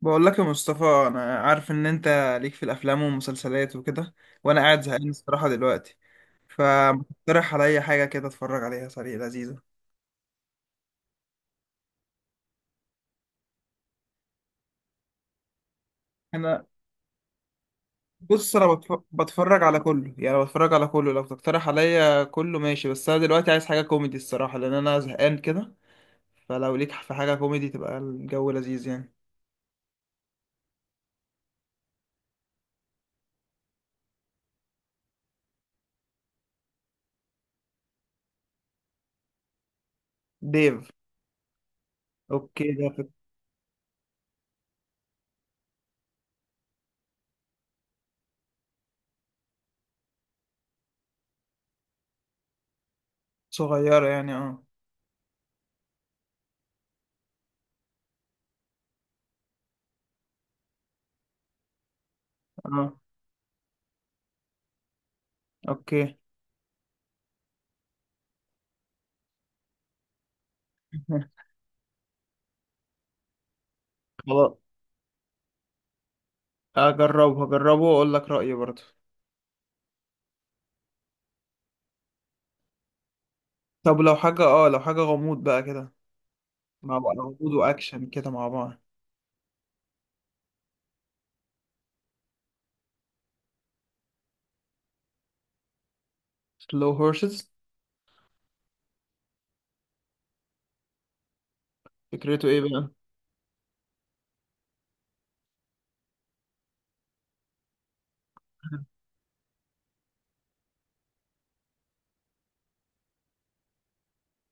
بقول لك يا مصطفى، انا عارف ان انت ليك في الافلام والمسلسلات وكده، وانا قاعد زهقان الصراحه دلوقتي. فمقترح عليا حاجه كده اتفرج عليها سريع لذيذه. انا بص، انا بتفرج على كله، يعني بتفرج على كله لو تقترح عليا كله ماشي. بس انا دلوقتي عايز حاجه كوميدي الصراحه، لان انا زهقان كده. فلو ليك في حاجه كوميدي تبقى الجو لذيذ يعني. ديف، اوكي، ده فكرة. صغيره يعني، اه اه، اوكي. خلاص اجربه، هجربه واقول لك رايي برضه. طب لو حاجة، لو حاجة غموض بقى كده، مع بعض، غموض وأكشن كده مع بعض. سلو هورسز، فكرته ايه بقى؟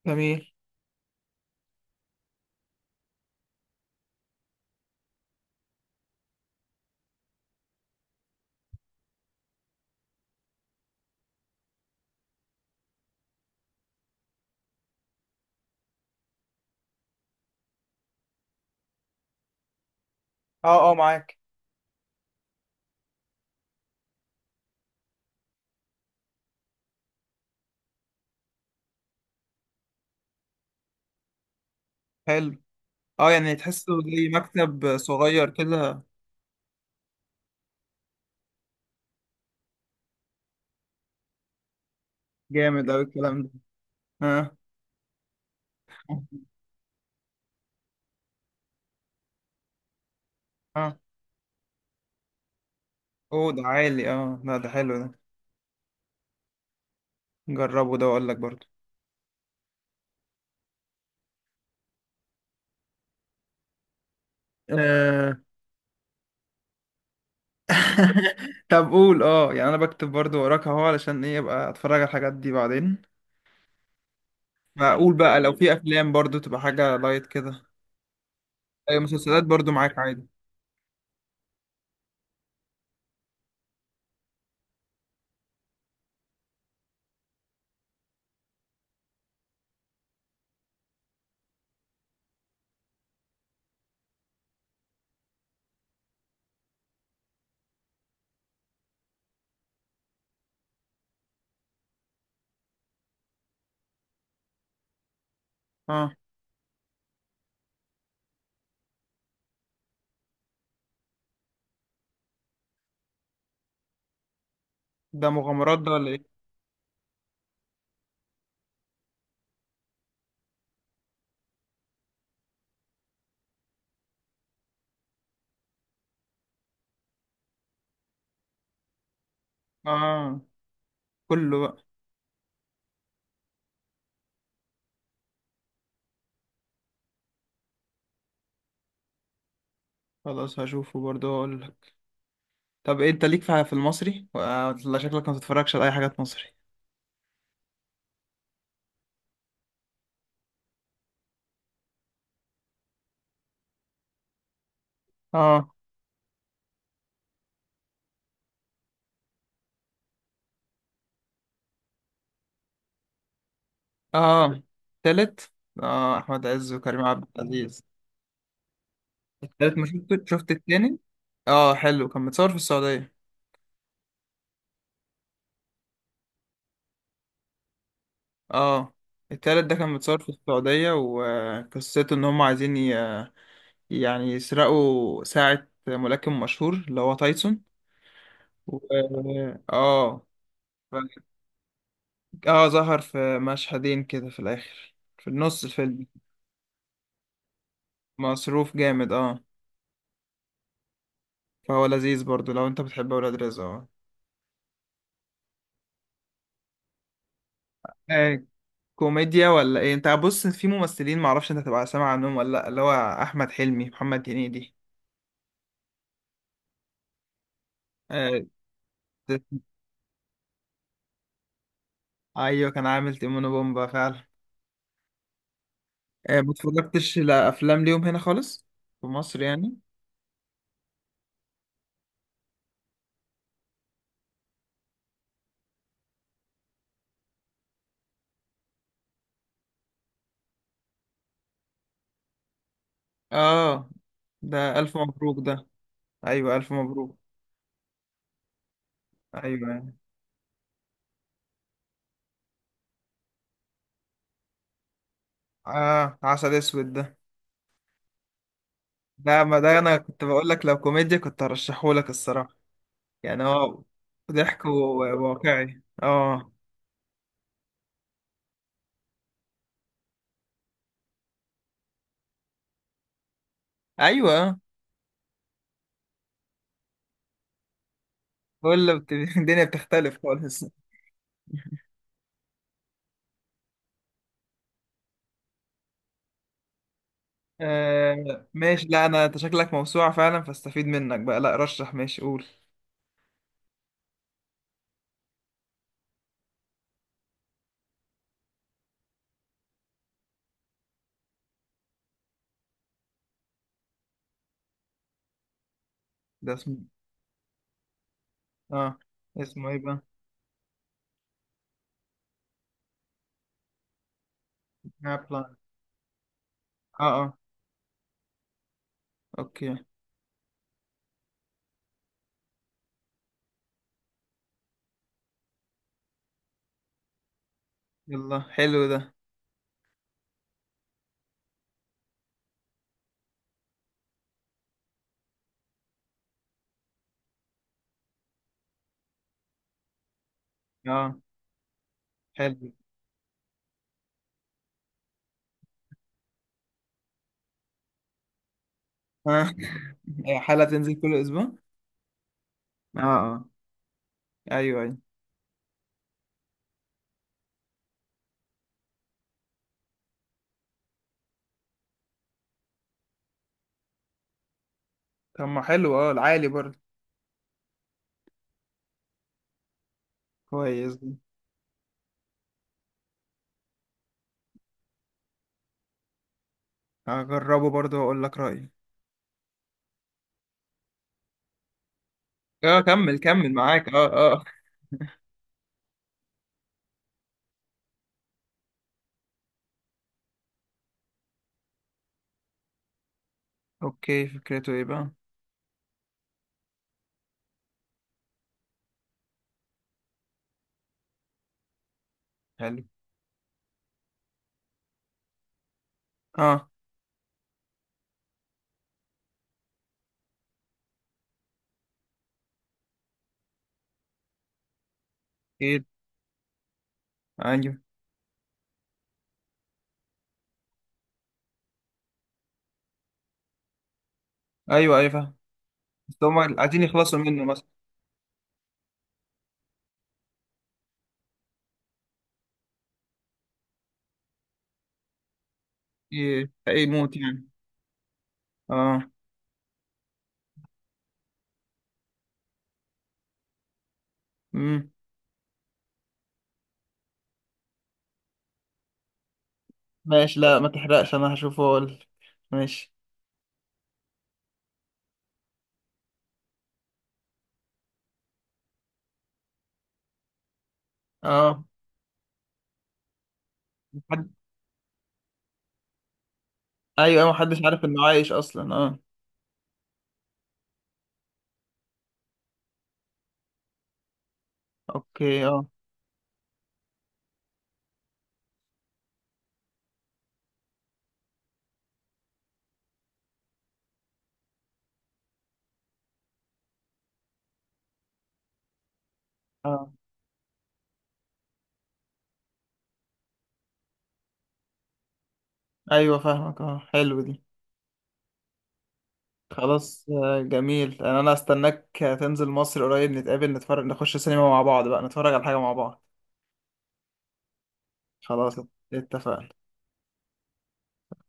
جميل. اه اه، معاك. حلو. اه يعني تحسه زي مكتب صغير كده. جامد أوي الكلام ده، اه اه. آه. اوه، ده عالي اه، لا ده حلو ده. جربه ده وأقول لك برضه. آه. طب قول، اه يعني انا بكتب برضه وراك اهو، علشان ايه ابقى اتفرج على الحاجات دي بعدين. فاقول بقى لو في افلام برضه تبقى حاجة لايت كده. أي مسلسلات برضه معاك عادي. اه، ده مغامرات ده ولا ايه؟ اه، كله بقى. خلاص هشوفه برضه، هقول لك. طب إيه، انت ليك في في المصري، ولا شكلك ما تتفرجش على اي حاجات مصري؟ اه اه، تالت. اه، احمد عز وكريم عبد العزيز. التالت ما شفت، شفت التاني. اه حلو، كان متصور في السعودية. اه، التالت ده كان متصور في السعودية، وقصته ان هم عايزين يعني يسرقوا ساعة ملاكم مشهور اللي هو تايسون. و... اه. اه، ظهر في مشهدين كده في الاخر، في النص الفيلم. مصروف جامد اه. فهو لذيذ برضو لو انت بتحب اولاد رزق، اه. آه، كوميديا ولا ايه؟ انت بص، في ممثلين معرفش انت تبقى سامع عنهم ولا لا، اللي هو احمد حلمي، محمد هنيدي. آه، ت- ايوه، كان عامل تيمون وبومبا فعلا. آه، ما اتفرجتش لافلام ليهم هنا خالص، في مصر يعني. اه، ده الف مبروك ده. ايوه الف مبروك. ايوه يعني. اه، عسل اسود ده، ده ما ده انا كنت بقول لك لو كوميديا كنت هرشحه لك الصراحه. يعني هو ضحك وواقعي اه. ايوه، كل الدنيا بتختلف خالص. آه ماشي، لا انا، انت شكلك موسوعه فعلا، فاستفيد منك بقى، لا رشح ماشي، قول. ده اسمه إيه؟ اه، اسمه ايه بقى؟ بلان، اه اه، اوكي. يلا حلو ده. اه، حلو اه. هي حلقه تنزل كل اسبوع؟ اه اه، ايوه ايوه. طب ما حلو اه، العالي برضه. كويس. هجربه برضه واقول لك رأيي. اه، كمل كمل، معاك اه اه. اوكي، فكرته ايه بقى؟ حلو، اه. ايه، ايوه ايوه. ايوه فاهم. بس هما عايزين يخلصوا منه مثلا. ايه ايه، موت يعني. اه. امم. ماشي، لا ما تحرقش، انا هشوفه اقول. ماشي. اه، محد... ايوه، ما حدش عارف انه عايش اصلا، اه. اوكي اه. اه، ايوه فاهمك، اه حلو دي. خلاص آه، جميل، انا انا استناك. تنزل مصر قريب نتقابل، نتفرج، نخش سينما مع بعض بقى، نتفرج على حاجة مع بعض. خلاص، اتفقنا.